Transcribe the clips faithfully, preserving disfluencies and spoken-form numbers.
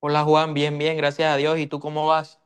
Hola Juan, bien, bien, gracias a Dios. ¿Y tú cómo vas?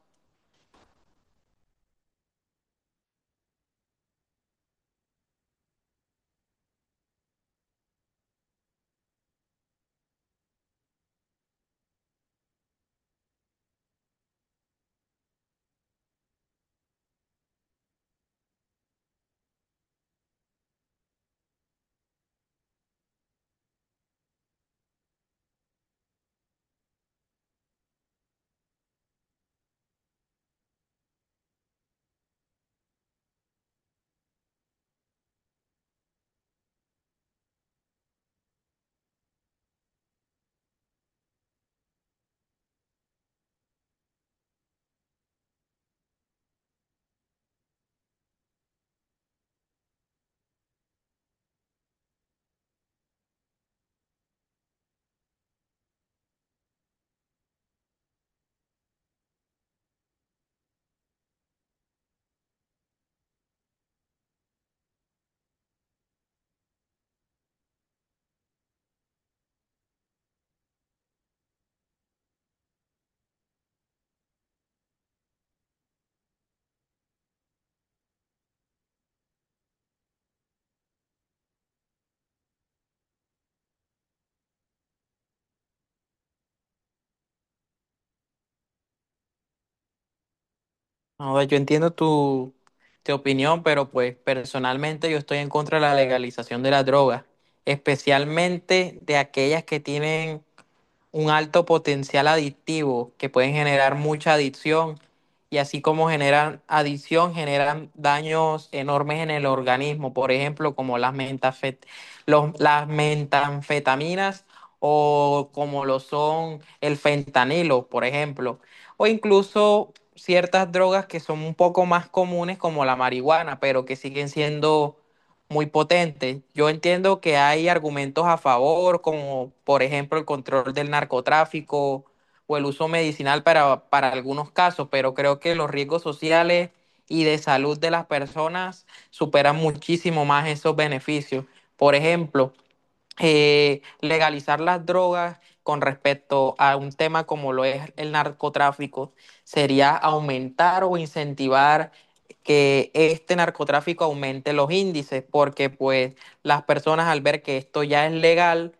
No, yo entiendo tu, tu opinión, pero pues personalmente yo estoy en contra de la legalización de las drogas, especialmente de aquellas que tienen un alto potencial adictivo que pueden generar mucha adicción y así como generan adicción, generan daños enormes en el organismo, por ejemplo, como las mentafet- los- las metanfetaminas o como lo son el fentanilo, por ejemplo, o incluso ciertas drogas que son un poco más comunes como la marihuana, pero que siguen siendo muy potente. Yo entiendo que hay argumentos a favor, como por ejemplo el control del narcotráfico o el uso medicinal para, para algunos casos, pero creo que los riesgos sociales y de salud de las personas superan muchísimo más esos beneficios. Por ejemplo, eh, legalizar las drogas con respecto a un tema como lo es el narcotráfico sería aumentar o incentivar que este narcotráfico aumente los índices, porque pues las personas al ver que esto ya es legal,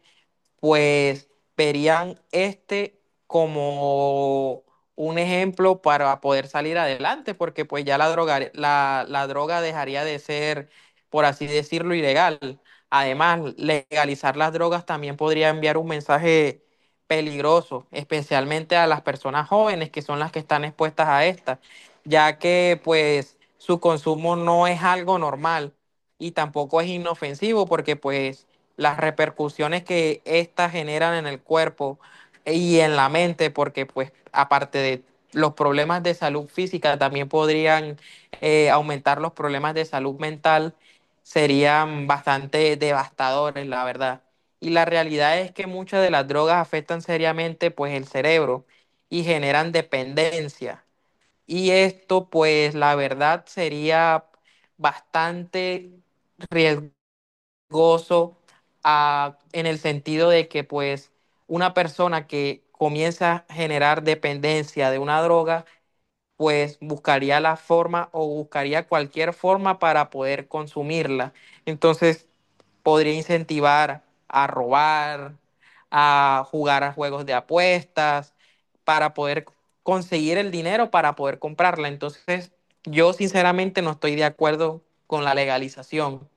pues verían este como un ejemplo para poder salir adelante, porque pues ya la droga, la, la droga dejaría de ser, por así decirlo, ilegal. Además, legalizar las drogas también podría enviar un mensaje peligroso, especialmente a las personas jóvenes que son las que están expuestas a estas, ya que pues su consumo no es algo normal y tampoco es inofensivo porque pues las repercusiones que éstas generan en el cuerpo y en la mente, porque pues aparte de los problemas de salud física, también podrían eh, aumentar los problemas de salud mental, serían bastante devastadores, la verdad. Y la realidad es que muchas de las drogas afectan seriamente pues el cerebro y generan dependencia. Y esto pues la verdad sería bastante riesgoso gozo ah, en el sentido de que pues una persona que comienza a generar dependencia de una droga, pues buscaría la forma o buscaría cualquier forma para poder consumirla. Entonces podría incentivar a robar, a jugar a juegos de apuestas, para poder conseguir el dinero para poder comprarla. Entonces yo sinceramente no estoy de acuerdo con la legalización.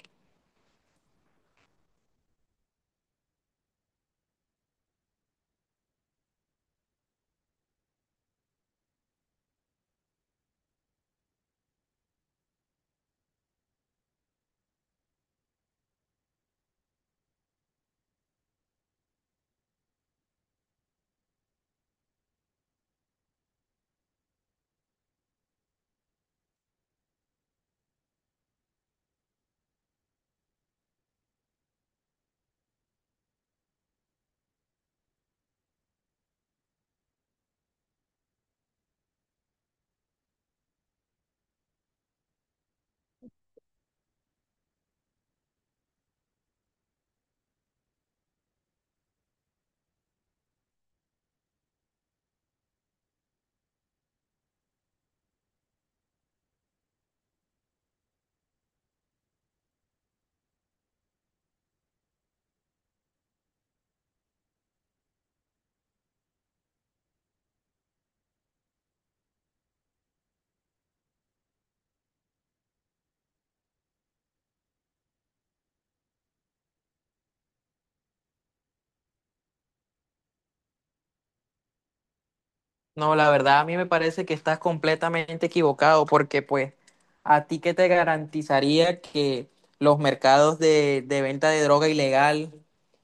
No, la verdad a mí me parece que estás completamente equivocado porque pues a ti que te garantizaría que los mercados de, de venta de droga ilegal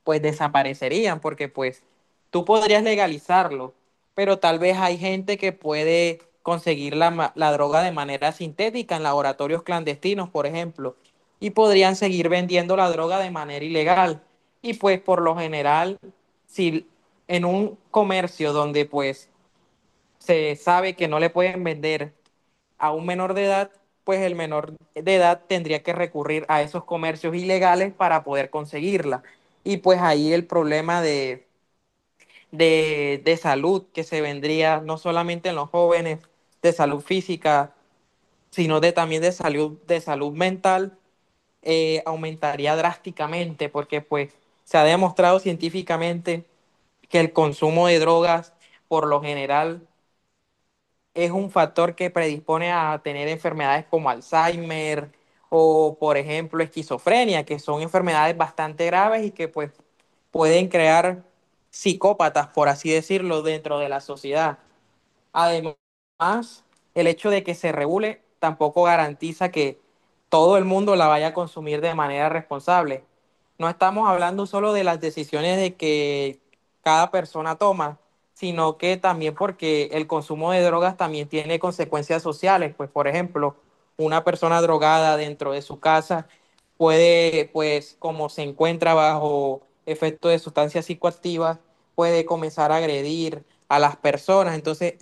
pues desaparecerían porque pues tú podrías legalizarlo, pero tal vez hay gente que puede conseguir la, ma- la droga de manera sintética en laboratorios clandestinos, por ejemplo, y podrían seguir vendiendo la droga de manera ilegal. Y pues por lo general, si en un comercio donde pues se sabe que no le pueden vender a un menor de edad, pues el menor de edad tendría que recurrir a esos comercios ilegales para poder conseguirla. Y pues ahí el problema de, de, de salud que se vendría no solamente en los jóvenes, de salud física, sino de, también de salud, de salud mental, eh, aumentaría drásticamente porque pues se ha demostrado científicamente que el consumo de drogas por lo general es un factor que predispone a tener enfermedades como Alzheimer o, por ejemplo, esquizofrenia, que son enfermedades bastante graves y que pues pueden crear psicópatas, por así decirlo, dentro de la sociedad. Además, el hecho de que se regule tampoco garantiza que todo el mundo la vaya a consumir de manera responsable. No estamos hablando solo de las decisiones de que cada persona toma, sino que también porque el consumo de drogas también tiene consecuencias sociales. Pues, por ejemplo, una persona drogada dentro de su casa puede, pues, como se encuentra bajo efecto de sustancias psicoactivas, puede comenzar a agredir a las personas. Entonces,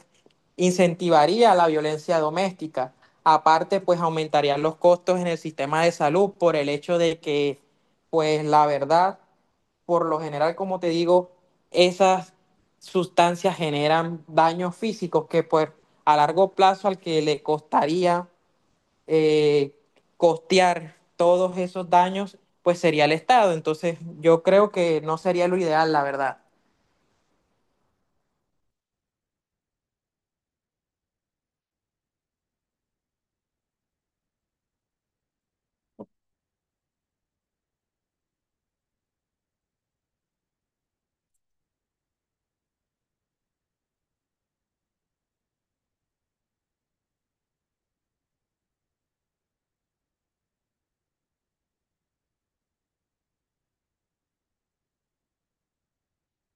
incentivaría la violencia doméstica. Aparte, pues aumentarían los costos en el sistema de salud por el hecho de que, pues la verdad, por lo general, como te digo, esas sustancias generan daños físicos que pues a largo plazo al que le costaría eh, costear todos esos daños, pues sería el Estado. Entonces, yo creo que no sería lo ideal, la verdad.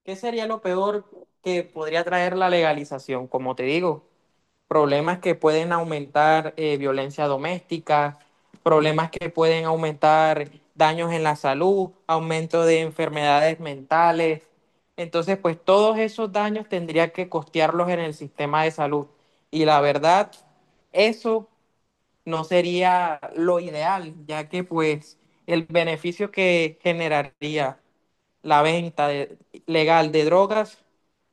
¿Qué sería lo peor que podría traer la legalización? Como te digo, problemas que pueden aumentar eh, violencia doméstica, problemas que pueden aumentar daños en la salud, aumento de enfermedades mentales. Entonces, pues todos esos daños tendría que costearlos en el sistema de salud. Y la verdad, eso no sería lo ideal, ya que pues el beneficio que generaría la venta de- legal de drogas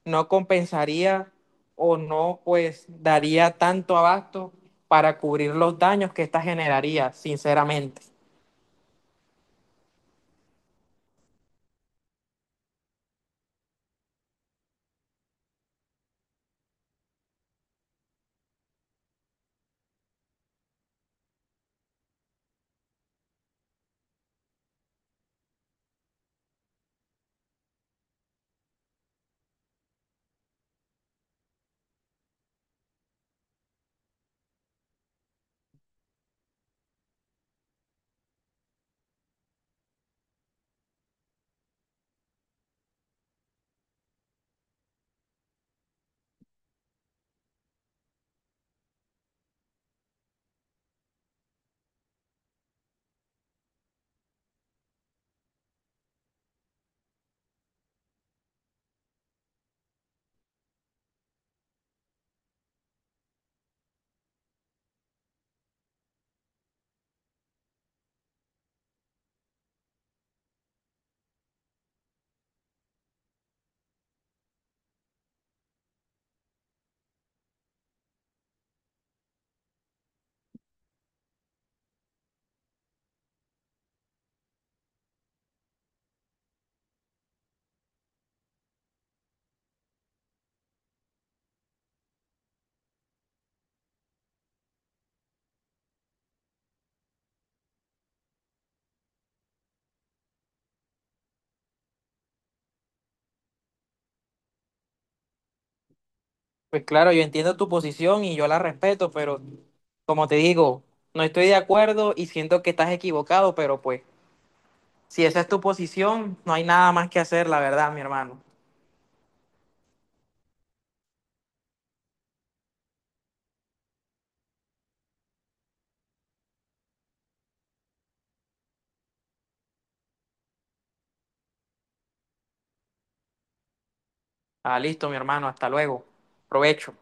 no compensaría o no pues daría tanto abasto para cubrir los daños que esta generaría, sinceramente. Pues claro, yo entiendo tu posición y yo la respeto, pero como te digo, no estoy de acuerdo y siento que estás equivocado, pero pues si esa es tu posición, no hay nada más que hacer, la verdad, mi hermano. Ah, listo, mi hermano, hasta luego. Provecho.